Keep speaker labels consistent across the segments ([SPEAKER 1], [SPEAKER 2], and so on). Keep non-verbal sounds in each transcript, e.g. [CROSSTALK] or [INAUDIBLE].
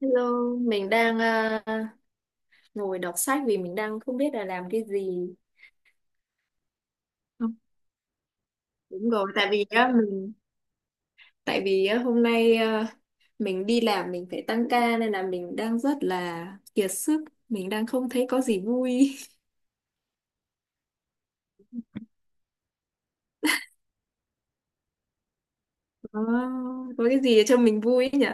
[SPEAKER 1] Hello, mình đang ngồi đọc sách vì mình đang không biết là làm cái gì. Không. Đúng rồi, tại vì á, hôm nay mình đi làm, mình phải tăng ca nên là mình đang rất là kiệt sức, mình đang không thấy có gì vui. [LAUGHS] Có, có cái gì để cho mình vui ấy nhỉ?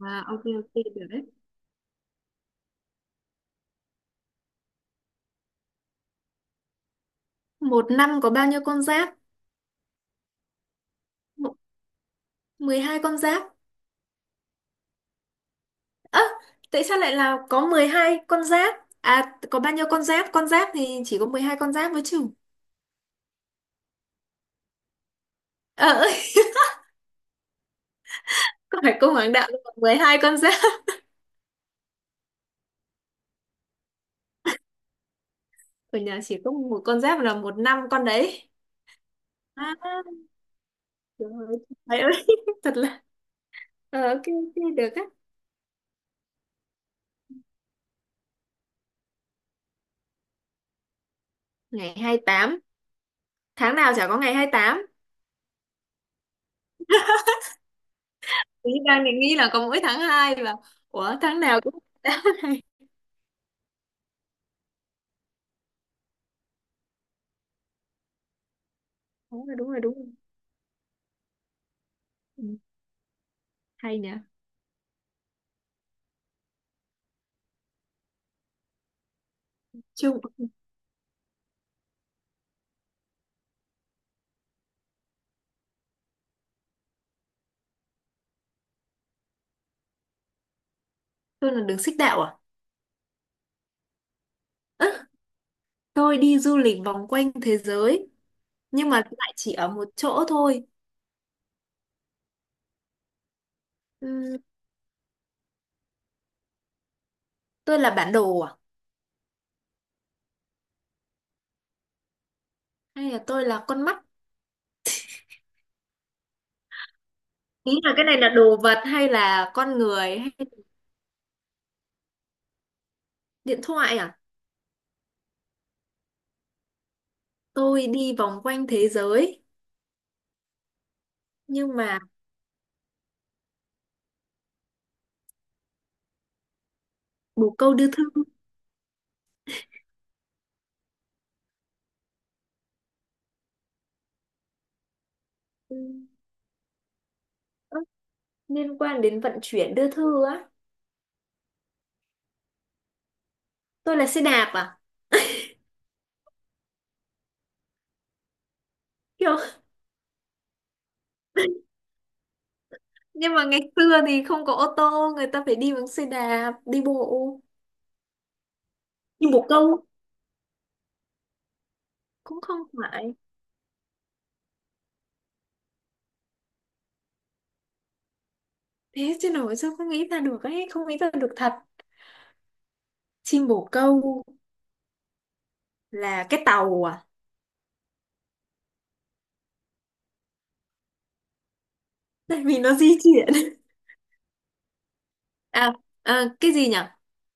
[SPEAKER 1] À, ok ok được đấy. Một năm có bao nhiêu con giáp? Mộ- Mười hai con giáp. Ơ, tại sao lại là có 12 con giáp? À, có bao nhiêu con giáp? Con giáp thì chỉ có 12 con giáp mới chứ. Ờ. [LAUGHS] Có phải cung hoàng đạo nhưng mà 12 con giáp, ở nhà chỉ có một con giáp là một năm con đấy. À, trời ơi, trời ơi. [LAUGHS] Thật là ok ok được á. Ngày hai mươi tám, tháng nào chả có ngày hai mươi tám. Ý đang định nghĩ là có mỗi tháng 2 và ủa, tháng nào cũng [LAUGHS] tháng này. Đúng rồi, đúng rồi, đúng rồi. Ừ, hay nhỉ. Chung, tôi là đường xích đạo à? Ơ, tôi đi du lịch vòng quanh thế giới nhưng mà lại chỉ ở một chỗ thôi. Ừm, tôi là bản đồ à, hay là tôi là con mắt? Ý là cái này là đồ vật hay là con người hay điện thoại à? Tôi đi vòng quanh thế giới nhưng mà bồ câu đưa thư. ừ, ơ, Liên quan đến vận chuyển đưa thư á. Tôi là xe đạp à? Kiểu, nhưng mà ngày xưa thì không có ô tô, người ta phải đi bằng xe đạp, đi bộ. Nhưng bồ câu cũng không phải. Thế chứ nổi sao không nghĩ ra được ấy, không nghĩ ra được thật. Chim bồ câu là cái tàu à? Tại vì nó di chuyển. À, cái gì nhỉ?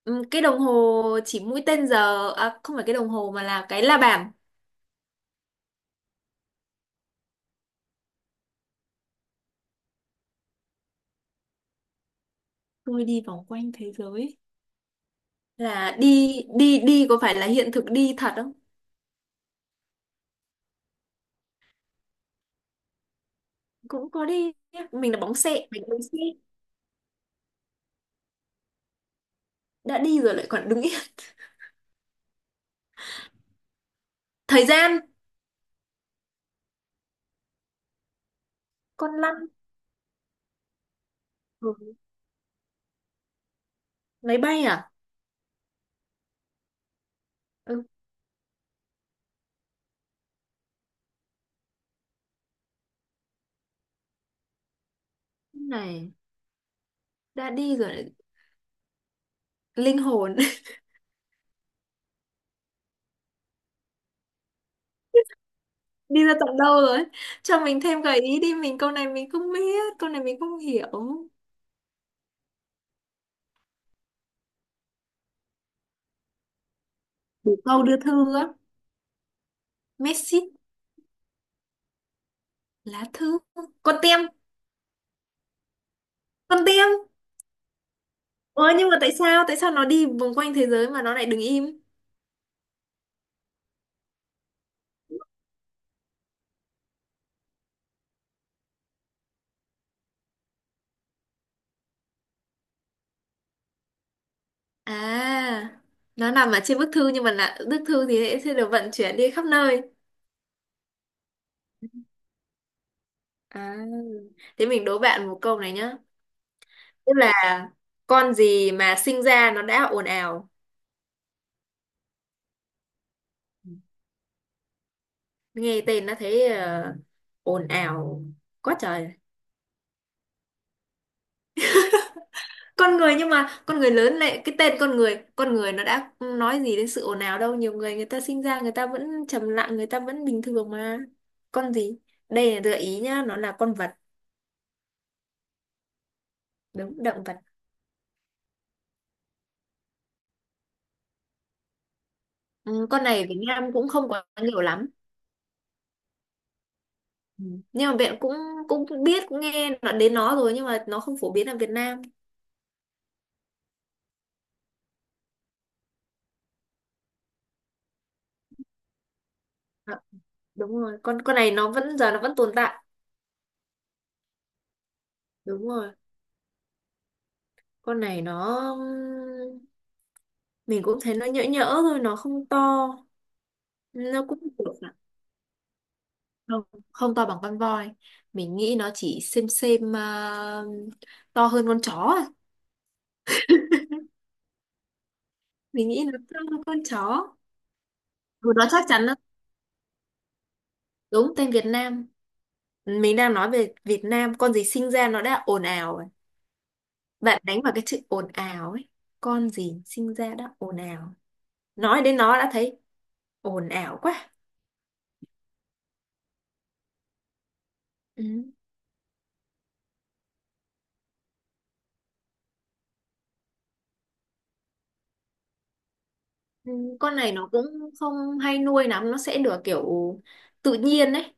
[SPEAKER 1] Ừ, cái đồng hồ chỉ mũi tên giờ à, không phải cái đồng hồ mà là cái la bàn. Tôi đi vòng quanh thế giới là đi đi đi, có phải là hiện thực đi thật không? Cũng có đi nhá. Mình là bóng xệ, mình bóng xệ đã đi rồi lại còn đứng yên. [LAUGHS] Thời gian, con lăn, ừ. máy bay à? Ừ, cái này đã đi rồi lại linh hồn. [LAUGHS] Đi ra tận đâu rồi? Cho mình thêm gợi ý đi, mình câu này mình không biết, câu này mình không hiểu. Đủ câu đưa thư á. Messi, lá thư, con tem, con tem. Ơ nhưng mà tại sao, tại sao nó đi vòng quanh thế giới mà nó lại đứng im? À, nó nằm ở trên bức thư nhưng mà là bức thư thì sẽ được vận chuyển đi khắp nơi. À, thế mình đố bạn một câu này nhá, tức là con gì mà sinh ra nó đã ồn ào. Nghe tên nó thấy ồn ào quá trời. Con người nhưng mà con người lớn lại cái tên con người, con người nó đã nói gì đến sự ồn ào đâu, nhiều người, người ta sinh ra người ta vẫn trầm lặng, người ta vẫn bình thường mà. Con gì? Đây là gợi ý nhá, nó là con vật. Đúng, động vật. Ừ, con này Việt Nam cũng không quá nhiều lắm. Ừ. Nhưng mà bạn cũng cũng biết, cũng đến nó rồi nhưng mà nó không phổ biến ở Việt Nam. À, đúng rồi, con này nó vẫn giờ nó vẫn tồn tại. Đúng rồi, con này nó, mình cũng thấy nó nhỡ nhỡ thôi, nó không to. Nó cũng được, không, không to bằng con voi. Mình nghĩ nó chỉ xem, to hơn con chó. À, mình nghĩ nó to hơn con chó. Ừ, nó chắc chắn đó. Đúng tên Việt Nam, mình đang nói về Việt Nam, con gì sinh ra nó đã ồn ào rồi. Bạn đánh vào cái chữ ồn ào ấy, con gì sinh ra đã ồn ào, nói đến nó đã thấy ồn ào quá. Ừ. Ừ, con này nó cũng không hay nuôi lắm, nó sẽ được kiểu tự nhiên đấy.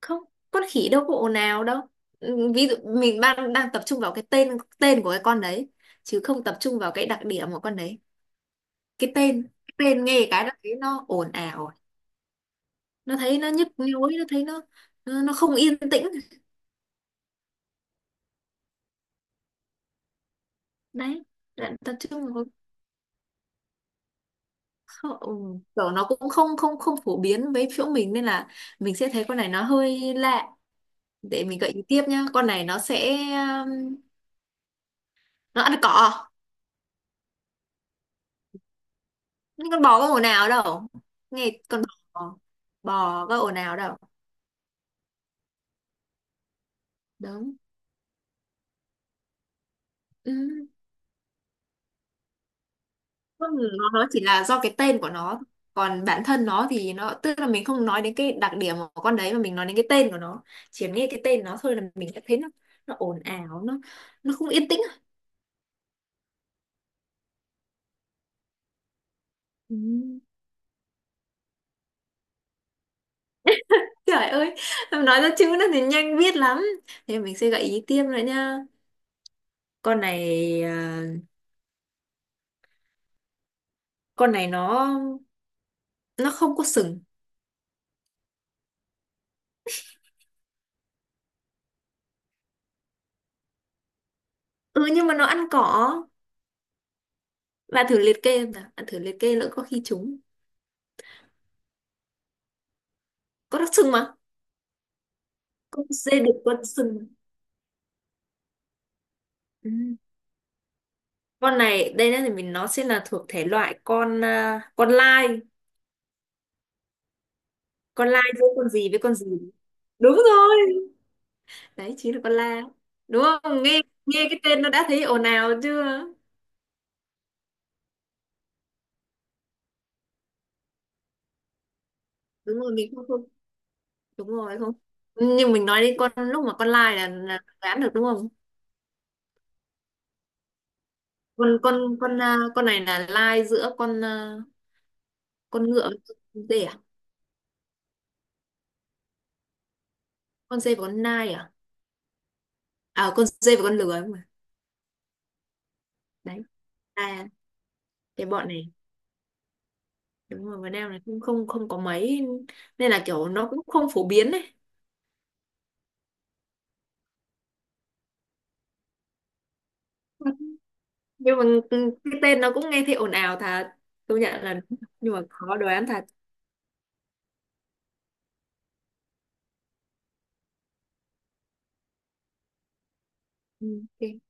[SPEAKER 1] Không, con khỉ đâu có ồn ào đâu. Ừ, ví dụ mình đang đang tập trung vào cái tên, tên của cái con đấy, chứ không tập trung vào cái đặc điểm của con đấy. Cái tên, cái tên nghe cái đó thấy nó ồn ào, nó thấy nó nhức nhối, nó thấy nó, nó không yên tĩnh. Đấy, bạn tập trung vào. Không, kiểu nó cũng không không không phổ biến với chỗ mình nên là mình sẽ thấy con này nó hơi lạ. Để mình gợi ý tiếp nhá, con này nó sẽ nó ăn cỏ. Nhưng con bò có ồn ào đâu, nghe con bò, bò có ồn ào đâu. Đúng. Ừ, con ngựa, nó chỉ là do cái tên của nó, còn bản thân nó thì nó, tức là mình không nói đến cái đặc điểm của con đấy mà mình nói đến cái tên của nó. Chỉ nghe cái tên nó thôi là mình đã thấy nó ồn ào, nó không yên tĩnh. Ừ. Trời ơi, em nói ra chữ nó thì nhanh biết lắm. Thế mình sẽ gợi ý tiếp nữa nha, con này, à, con này nó không có sừng. Ừ, nhưng mà nó ăn cỏ. Bạn thử liệt kê em nào, bạn thử liệt kê lỡ có khi trúng. Có đặc trưng mà, con dê đực con sừng. Ừ. Con này, đây là mình, nó sẽ là thuộc thể loại con lai giữa con gì với con gì. Đúng rồi. Đấy chính là con lai. Đúng không? Nghe nghe cái tên nó đã thấy ồn ào chưa? Đúng rồi, mình không không. Đúng rồi không. Nhưng mình nói đến con lúc mà con lai là đoán được đúng không? Con này là lai giữa con ngựa với con dê à? Con dê và con nai à? À, con dê và con lừa ấy mà. Đấy. À, cái bọn này, đúng rồi, Việt Nam này cũng không không có mấy nên là kiểu nó cũng không phổ biến ấy. Nhưng mà cái tên nó cũng nghe thấy ồn ào thật, công nhận là, nhưng mà khó đoán thật. Ừ, ok.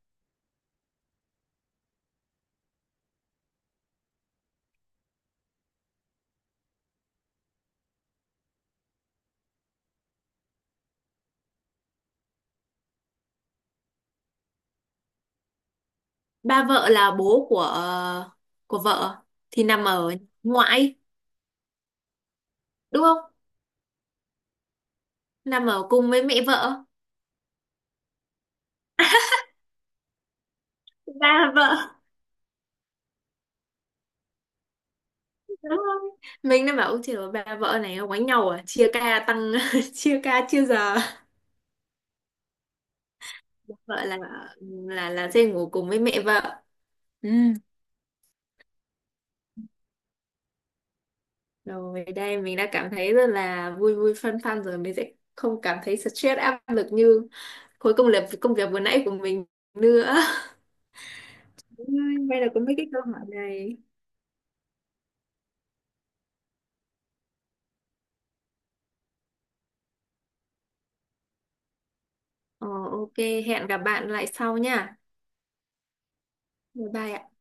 [SPEAKER 1] Ba vợ là bố của của vợ, thì nằm ở ngoại đúng không, nằm ở cùng với mẹ vợ. Ba vợ. Đúng không, mình đã bảo "Ôi trời ơi, ba vợ này quánh nhau à, chia ca tăng [LAUGHS] chia ca chia giờ vợ là sẽ ngủ cùng với mẹ vợ." Ừ, rồi đây mình đã cảm thấy rất là vui vui fun fun rồi, mình sẽ không cảm thấy stress áp lực như khối công việc vừa nãy của mình nữa. Đúng rồi, may là có mấy cái câu hỏi này. Ờ, ok, hẹn gặp bạn lại sau nha. Bye bye ạ.